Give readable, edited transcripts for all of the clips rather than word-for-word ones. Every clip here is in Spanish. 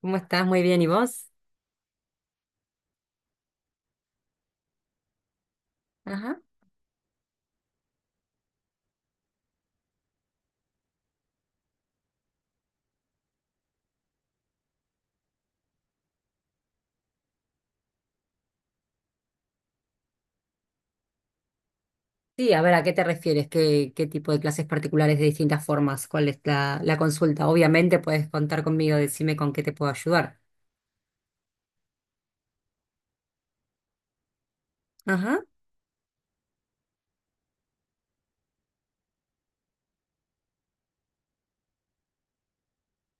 ¿Cómo estás? Muy bien, ¿y vos? Ajá. Sí, a ver, ¿a qué te refieres? ¿Qué tipo de clases particulares de distintas formas? ¿Cuál es la consulta? Obviamente puedes contar conmigo, decime con qué te puedo ayudar. Ajá.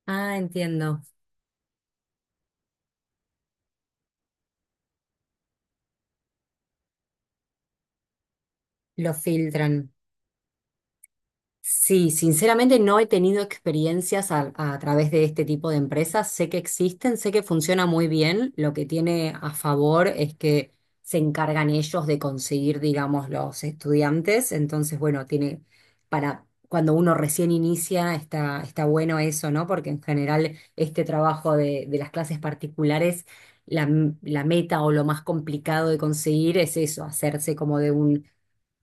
Ah, entiendo. Lo filtran. Sí, sinceramente no he tenido experiencias a través de este tipo de empresas. Sé que existen, sé que funciona muy bien. Lo que tiene a favor es que se encargan ellos de conseguir, digamos, los estudiantes. Entonces, bueno, tiene para cuando uno recién inicia, está, está bueno eso, ¿no? Porque en general este trabajo de las clases particulares, la, la meta o lo más complicado de conseguir es eso, hacerse como de un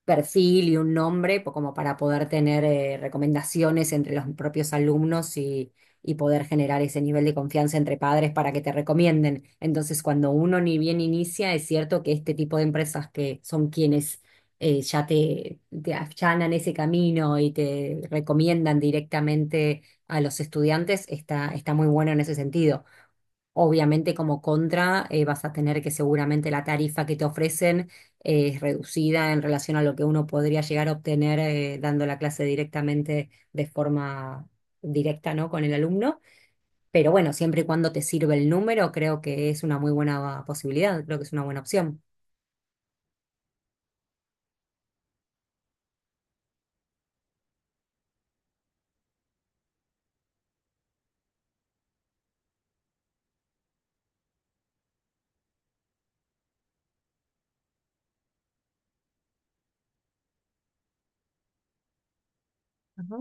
perfil y un nombre como para poder tener recomendaciones entre los propios alumnos y poder generar ese nivel de confianza entre padres para que te recomienden. Entonces, cuando uno ni bien inicia, es cierto que este tipo de empresas que son quienes ya te allanan ese camino y te recomiendan directamente a los estudiantes, está, está muy bueno en ese sentido. Obviamente como contra vas a tener que seguramente la tarifa que te ofrecen es reducida en relación a lo que uno podría llegar a obtener dando la clase directamente de forma directa, ¿no? Con el alumno. Pero bueno, siempre y cuando te sirve el número, creo que es una muy buena posibilidad, creo que es una buena opción. Ajá.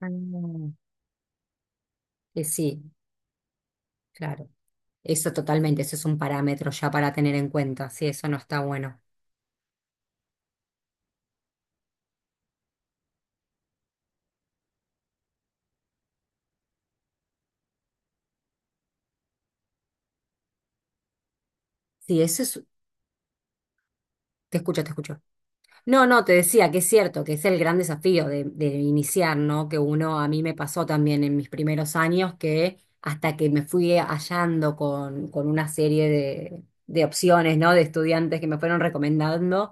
Ah. Sí, claro. Eso totalmente, eso es un parámetro ya para tener en cuenta. Sí, eso no está bueno. Sí, eso es... Te escucho, te escucho. No, no, te decía que es cierto, que es el gran desafío de iniciar, ¿no? Que uno, a mí me pasó también en mis primeros años que hasta que me fui hallando con una serie de opciones, ¿no? De estudiantes que me fueron recomendando,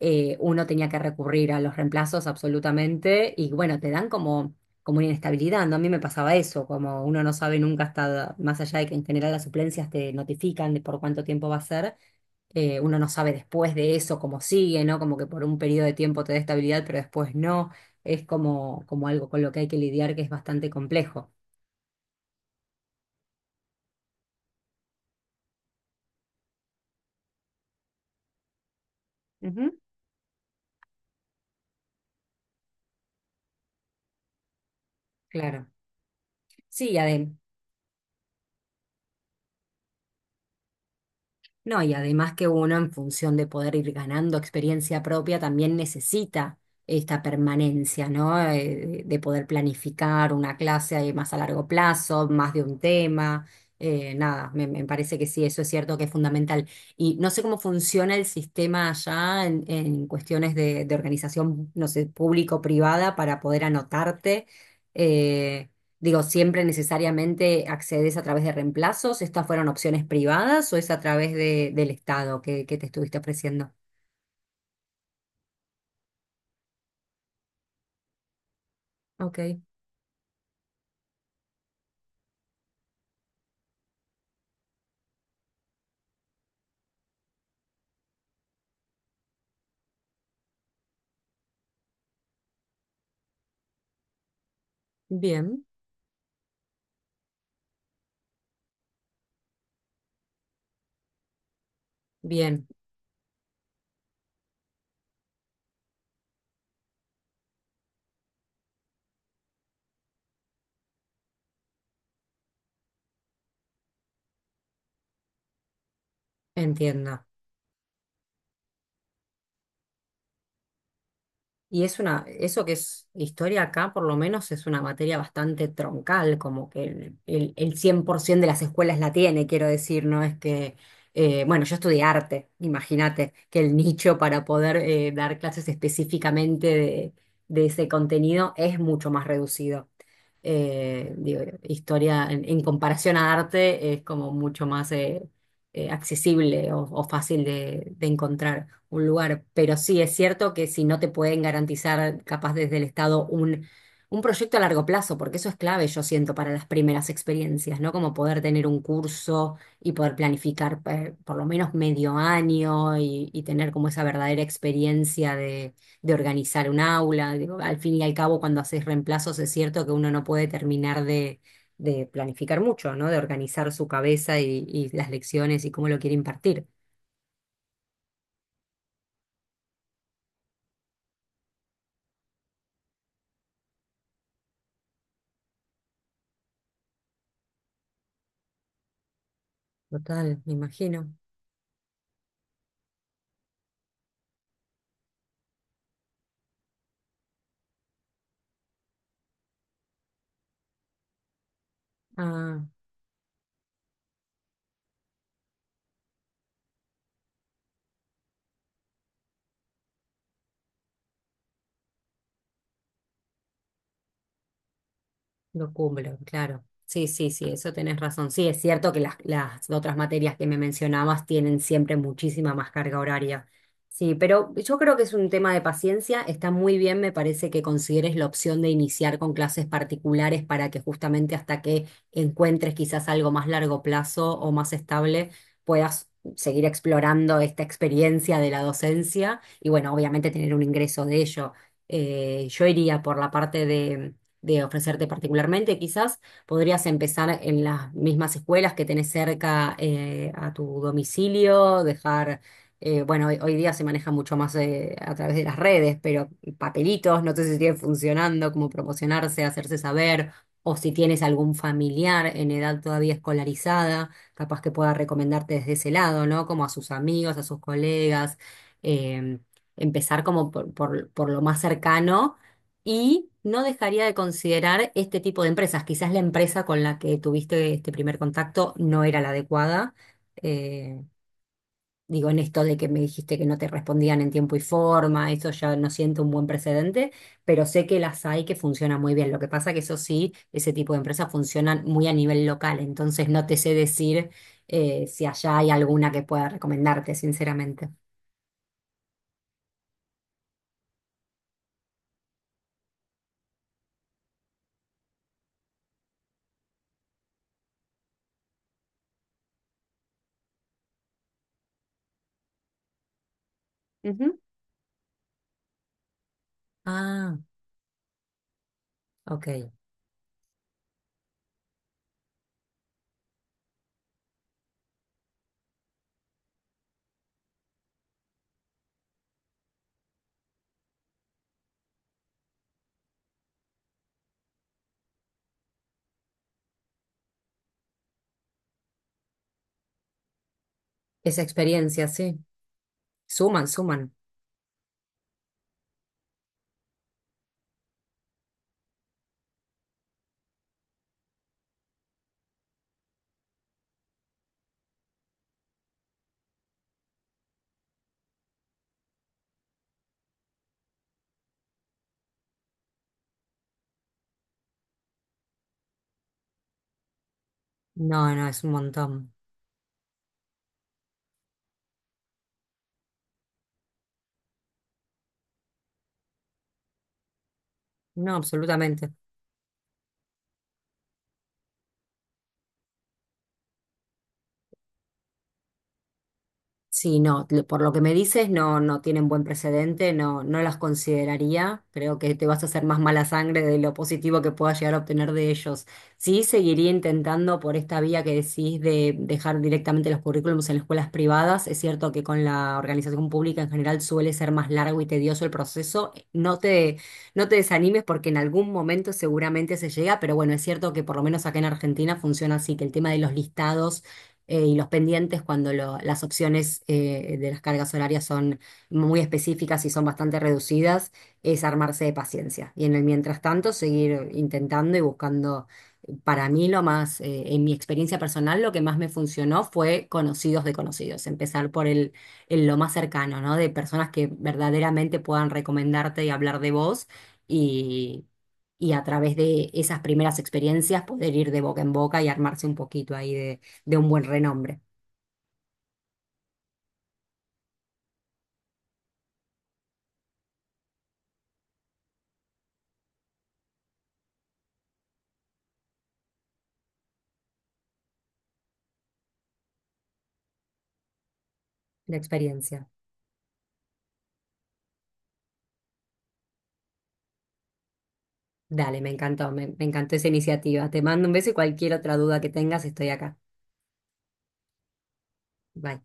uno tenía que recurrir a los reemplazos absolutamente y bueno, te dan como, como una inestabilidad, ¿no? A mí me pasaba eso, como uno no sabe nunca hasta, más allá de que en general las suplencias te notifican de por cuánto tiempo va a ser uno no sabe después de eso cómo sigue, ¿no? Como que por un periodo de tiempo te da estabilidad, pero después no. Es como, como algo con lo que hay que lidiar que es bastante complejo. Ujú. Claro. Sí, además. No, y además que uno en función de poder ir ganando experiencia propia también necesita esta permanencia, ¿no? De poder planificar una clase ahí más a largo plazo, más de un tema. Nada, me, me parece que sí, eso es cierto que es fundamental. Y no sé cómo funciona el sistema allá en cuestiones de organización, no sé, público-privada para poder anotarte. Eh, Digo, ¿siempre necesariamente accedes a través de reemplazos? ¿Estas fueron opciones privadas o es a través de, del Estado que te estuviste ofreciendo? Ok, bien, bien, entiendo. Y es una, eso que es historia acá, por lo menos es una materia bastante troncal, como que el 100% de las escuelas la tiene, quiero decir, no es que, bueno, yo estudié arte, imagínate, que el nicho para poder dar clases específicamente de ese contenido es mucho más reducido. Digo, historia en comparación a arte es como mucho más accesible o fácil de encontrar un lugar. Pero sí, es cierto que si no te pueden garantizar, capaz desde el Estado, un proyecto a largo plazo, porque eso es clave, yo siento, para las primeras experiencias, ¿no? Como poder tener un curso y poder planificar por lo menos medio año y tener como esa verdadera experiencia de organizar un aula. Digo, al fin y al cabo, cuando haces reemplazos, es cierto que uno no puede terminar de planificar mucho, ¿no? De organizar su cabeza y las lecciones y cómo lo quiere impartir. Total, me imagino. Ah, lo cumplo, claro. Sí, sí, sí, eso tenés razón. Sí, es cierto que las otras materias que me mencionabas tienen siempre muchísima más carga horaria. Sí, pero yo creo que es un tema de paciencia. Está muy bien, me parece que consideres la opción de iniciar con clases particulares para que justamente hasta que encuentres quizás algo más largo plazo o más estable, puedas seguir explorando esta experiencia de la docencia y bueno, obviamente tener un ingreso de ello. Yo iría por la parte de ofrecerte particularmente. Quizás podrías empezar en las mismas escuelas que tenés cerca a tu domicilio, dejar, bueno, hoy día se maneja mucho más a través de las redes, pero papelitos, no sé si siguen funcionando, como promocionarse, hacerse saber, o si tienes algún familiar en edad todavía escolarizada, capaz que pueda recomendarte desde ese lado, ¿no? Como a sus amigos, a sus colegas. em, empezar como por, por lo más cercano y no dejaría de considerar este tipo de empresas. Quizás la empresa con la que tuviste este primer contacto no era la adecuada. Eh, digo, en esto de que me dijiste que no te respondían en tiempo y forma, eso ya no siento un buen precedente, pero sé que las hay que funcionan muy bien. Lo que pasa que eso sí, ese tipo de empresas funcionan muy a nivel local, entonces no te sé decir si allá hay alguna que pueda recomendarte, sinceramente. Ujú. Ah, ok. Esa experiencia, sí. Suman, suman. No, no, es un montón. No, absolutamente. Sí, no, lo- por lo que me dices, no, no tienen buen precedente, no, no las consideraría. Creo que te vas a hacer más mala sangre de lo positivo que puedas llegar a obtener de ellos. Sí, seguiría intentando por esta vía que decís de dejar directamente los currículums en las escuelas privadas. Es cierto que con la organización pública en general suele ser más largo y tedioso el proceso. No te desanimes porque en algún momento seguramente se llega, pero bueno, es cierto que por lo menos acá en Argentina funciona así, que el tema de los listados y los pendientes cuando lo- las opciones de las cargas horarias son muy específicas y son bastante reducidas, es armarse de paciencia. Y en el mientras tanto, seguir intentando y buscando. Para mí lo más, en mi experiencia personal, lo que más me funcionó fue conocidos de conocidos, empezar por el lo más cercano, ¿no? De personas que verdaderamente puedan recomendarte y hablar de vos y, y a través de esas primeras experiencias poder ir de boca en boca y armarse un poquito ahí de un buen renombre, de experiencia. Dale, me encantó, me encantó esa iniciativa. Te mando un beso y cualquier otra duda que tengas, estoy acá. Bye.